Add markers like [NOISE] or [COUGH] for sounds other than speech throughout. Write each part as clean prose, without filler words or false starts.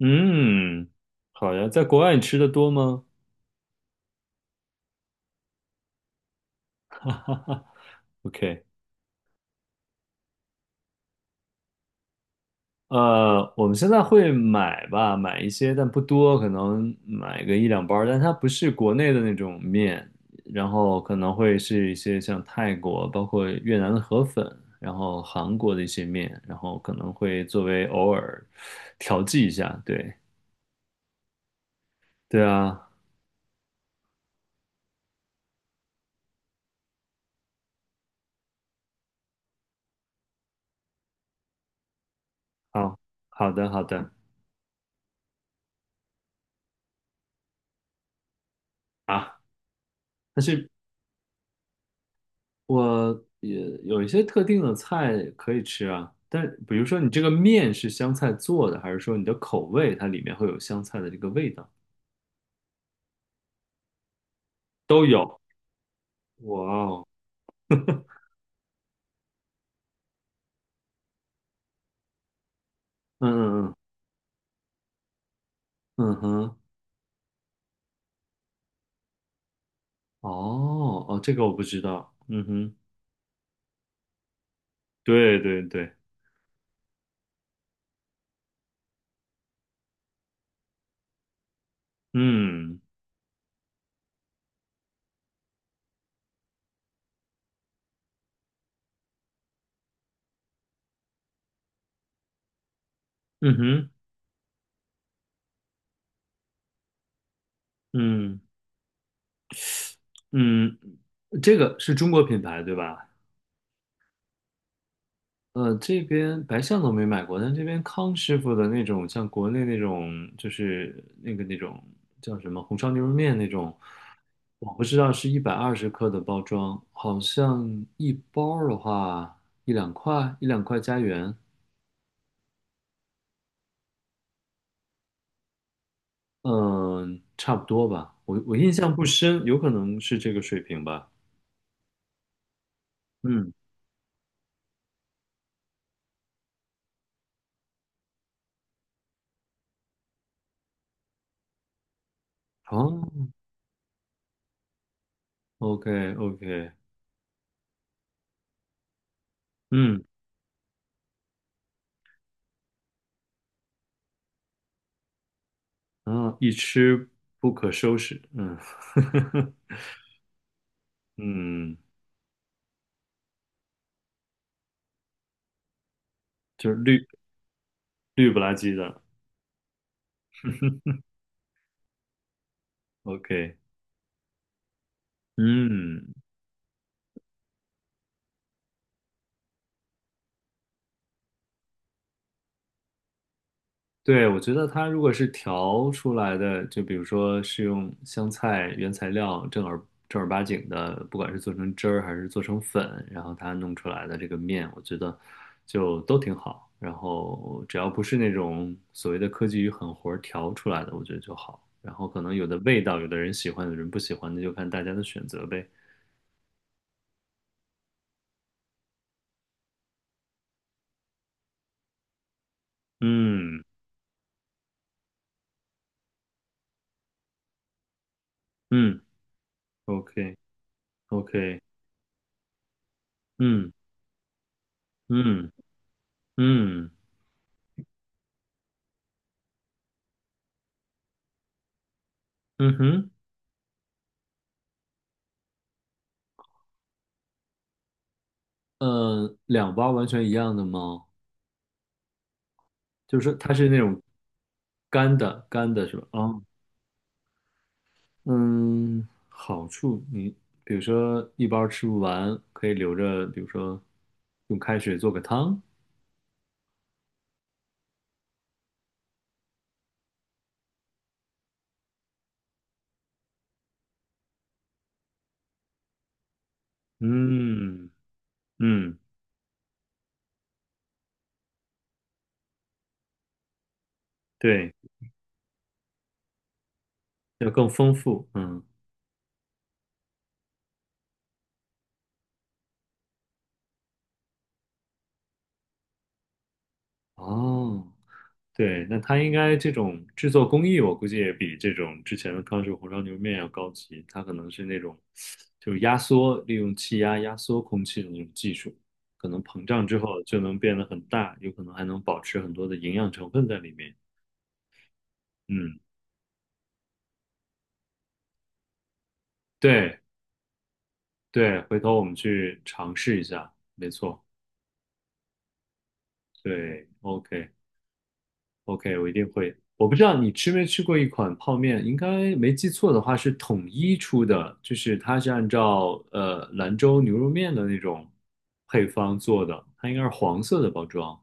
嗯，好呀，在国外你吃的多吗？OK，我们现在会买吧，买一些，但不多，可能买个一两包儿但它不是国内的那种面，然后可能会是一些像泰国，包括越南的河粉，然后韩国的一些面，然后可能会作为偶尔调剂一下，对，对啊，好，好的，好的，啊，但是我也有一些特定的菜可以吃啊，但比如说你这个面是香菜做的，还是说你的口味它里面会有香菜的这个味道？都有。哇哦，嗯嗯嗯嗯哼，哦哦，这个我不知道。嗯哼，对对对，嗯嗯哼嗯嗯，这个是中国品牌对吧？这边白象都没买过，但这边康师傅的那种，像国内那种，就是那个那种叫什么红烧牛肉面那种，我不知道是120克的包装，好像一包儿的话一两块，一两块加元，嗯、差不多吧。我印象不深，有可能是这个水平吧。嗯，好 o k OK，嗯，啊，一吃不可收拾，嗯，[LAUGHS] 嗯。就是绿不拉几的，OK，嗯，对，我觉得它如果是调出来的，就比如说是用香菜原材料正儿八经的，不管是做成汁儿还是做成粉，然后它弄出来的这个面，我觉得就都挺好。然后只要不是那种所谓的科技与狠活儿调出来的，我觉得就好。然后可能有的味道，有的人喜欢，有的人不喜欢，那就看大家的选择呗。嗯嗯，OK OK，嗯嗯嗯。嗯哼，两包完全一样的吗？就是它是那种干的，干的是吧？啊，嗯，好处你比如说一包吃不完，可以留着，比如说用开水做个汤。嗯嗯，对，要更丰富。嗯，哦，对，那它应该这种制作工艺，我估计也比这种之前的康师傅红烧牛肉面要高级。它可能是那种就是压缩，利用气压压缩空气的那种技术，可能膨胀之后就能变得很大，有可能还能保持很多的营养成分在里面。嗯，对对，回头我们去尝试一下，没错，对，OK。OK，我一定会。我不知道你吃没吃过一款泡面，应该没记错的话是统一出的，就是它是按照兰州牛肉面的那种配方做的，它应该是黄色的包装。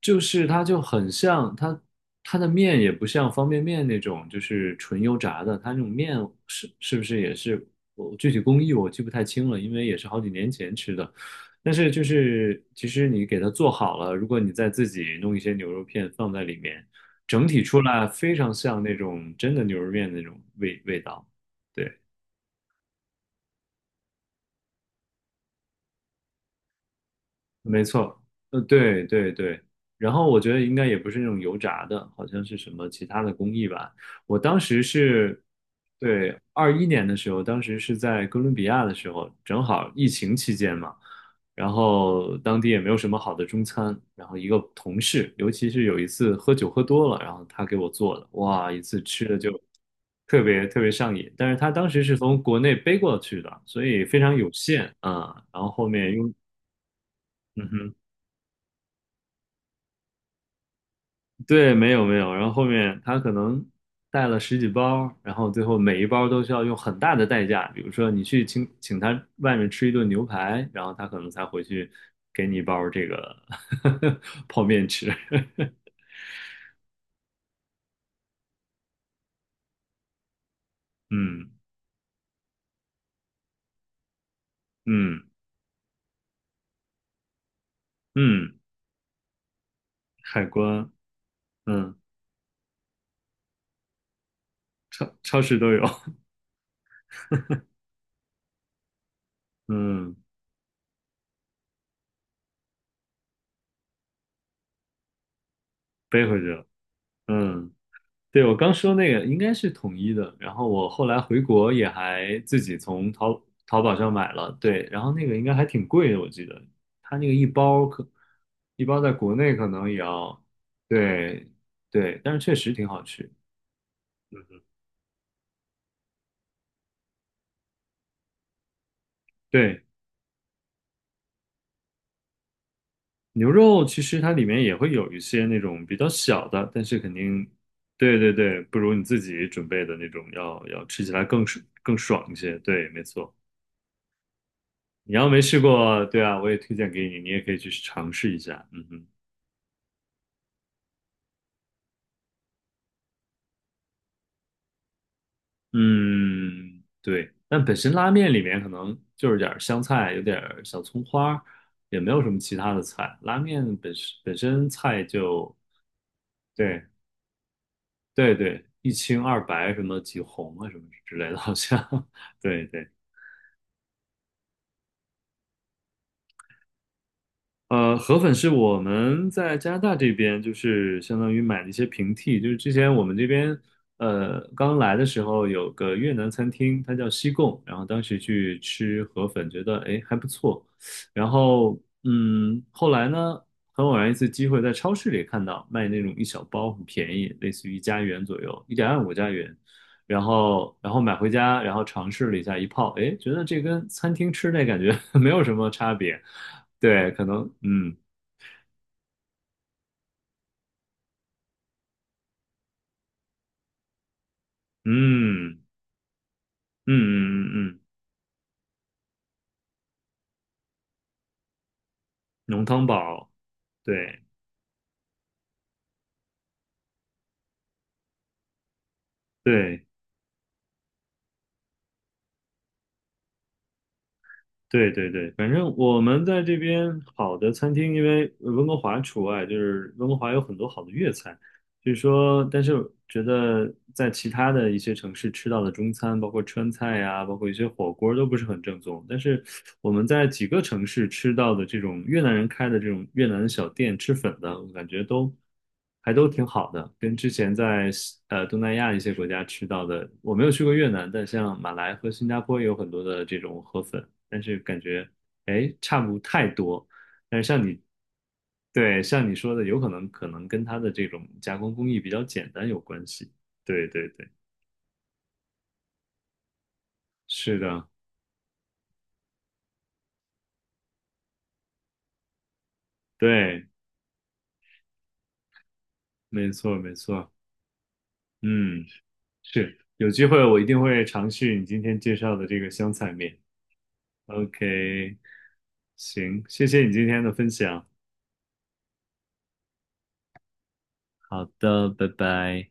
就是它就很像它的面也不像方便面那种，就是纯油炸的，它那种面是不是也是我具体工艺我记不太清了，因为也是好几年前吃的。但是就是其实你给它做好了，如果你再自己弄一些牛肉片放在里面，整体出来非常像那种真的牛肉面那种味道。对。没错，对对对，然后我觉得应该也不是那种油炸的，好像是什么其他的工艺吧。我当时是，对，21年的时候，当时是在哥伦比亚的时候，正好疫情期间嘛，然后当地也没有什么好的中餐，然后一个同事，尤其是有一次喝酒喝多了，然后他给我做的，哇，一次吃的就特别特别上瘾，但是他当时是从国内背过去的，所以非常有限啊，然后后面又。嗯哼。对，没有没有，然后后面他可能带了十几包，然后最后每一包都需要用很大的代价，比如说你去请他外面吃一顿牛排，然后他可能才回去给你一包这个 [LAUGHS] 泡面吃。[LAUGHS] 嗯嗯嗯，海关，嗯，超市都有，[LAUGHS] 嗯，背回去了，嗯。对，我刚说那个应该是统一的，然后我后来回国也还自己从淘宝上买了，对，然后那个应该还挺贵的，我记得，它那个一包在国内可能也要，对对，但是确实挺好吃。对，牛肉其实它里面也会有一些那种比较小的，但是肯定，对对对，不如你自己准备的那种要吃起来更爽更爽一些。对，没错。你要没试过，对啊，我也推荐给你，你也可以去尝试一下。嗯哼，嗯，对。但本身拉面里面可能就是点儿香菜，有点儿小葱花儿，也没有什么其他的菜。拉面本身菜就对对对，一清二白什么几红啊什么之类的，好像 [LAUGHS] 对对。河粉是我们在加拿大这边，就是相当于买的一些平替，就是之前我们这边，刚来的时候有个越南餐厅，它叫西贡，然后当时去吃河粉，觉得哎还不错，然后嗯，后来呢，很偶然一次机会在超市里看到卖那种一小包，很便宜，类似于1加元左右，1.25加元，然后买回家，然后尝试了一下一泡，哎，觉得这跟餐厅吃那感觉 [LAUGHS] 没有什么差别。对，可能，嗯嗯嗯嗯嗯，嗯，浓汤宝，对对对对对，反正我们在这边好的餐厅，因为温哥华除外，就是温哥华有很多好的粤菜。就是说，但是我觉得在其他的一些城市吃到的中餐，包括川菜呀、包括一些火锅都不是很正宗。但是我们在几个城市吃到的这种越南人开的这种越南小店吃粉的，我感觉都还都挺好的，跟之前在东南亚一些国家吃到的，我没有去过越南，但像马来和新加坡也有很多的这种河粉，但是感觉哎差不太多。但是像你对，像你说的，有可能跟它的这种加工工艺比较简单有关系。对对对，是的，对，没错没错，嗯，是，有机会我一定会尝试你今天介绍的这个香菜面。OK，行，谢谢你今天的分享。好的，拜拜。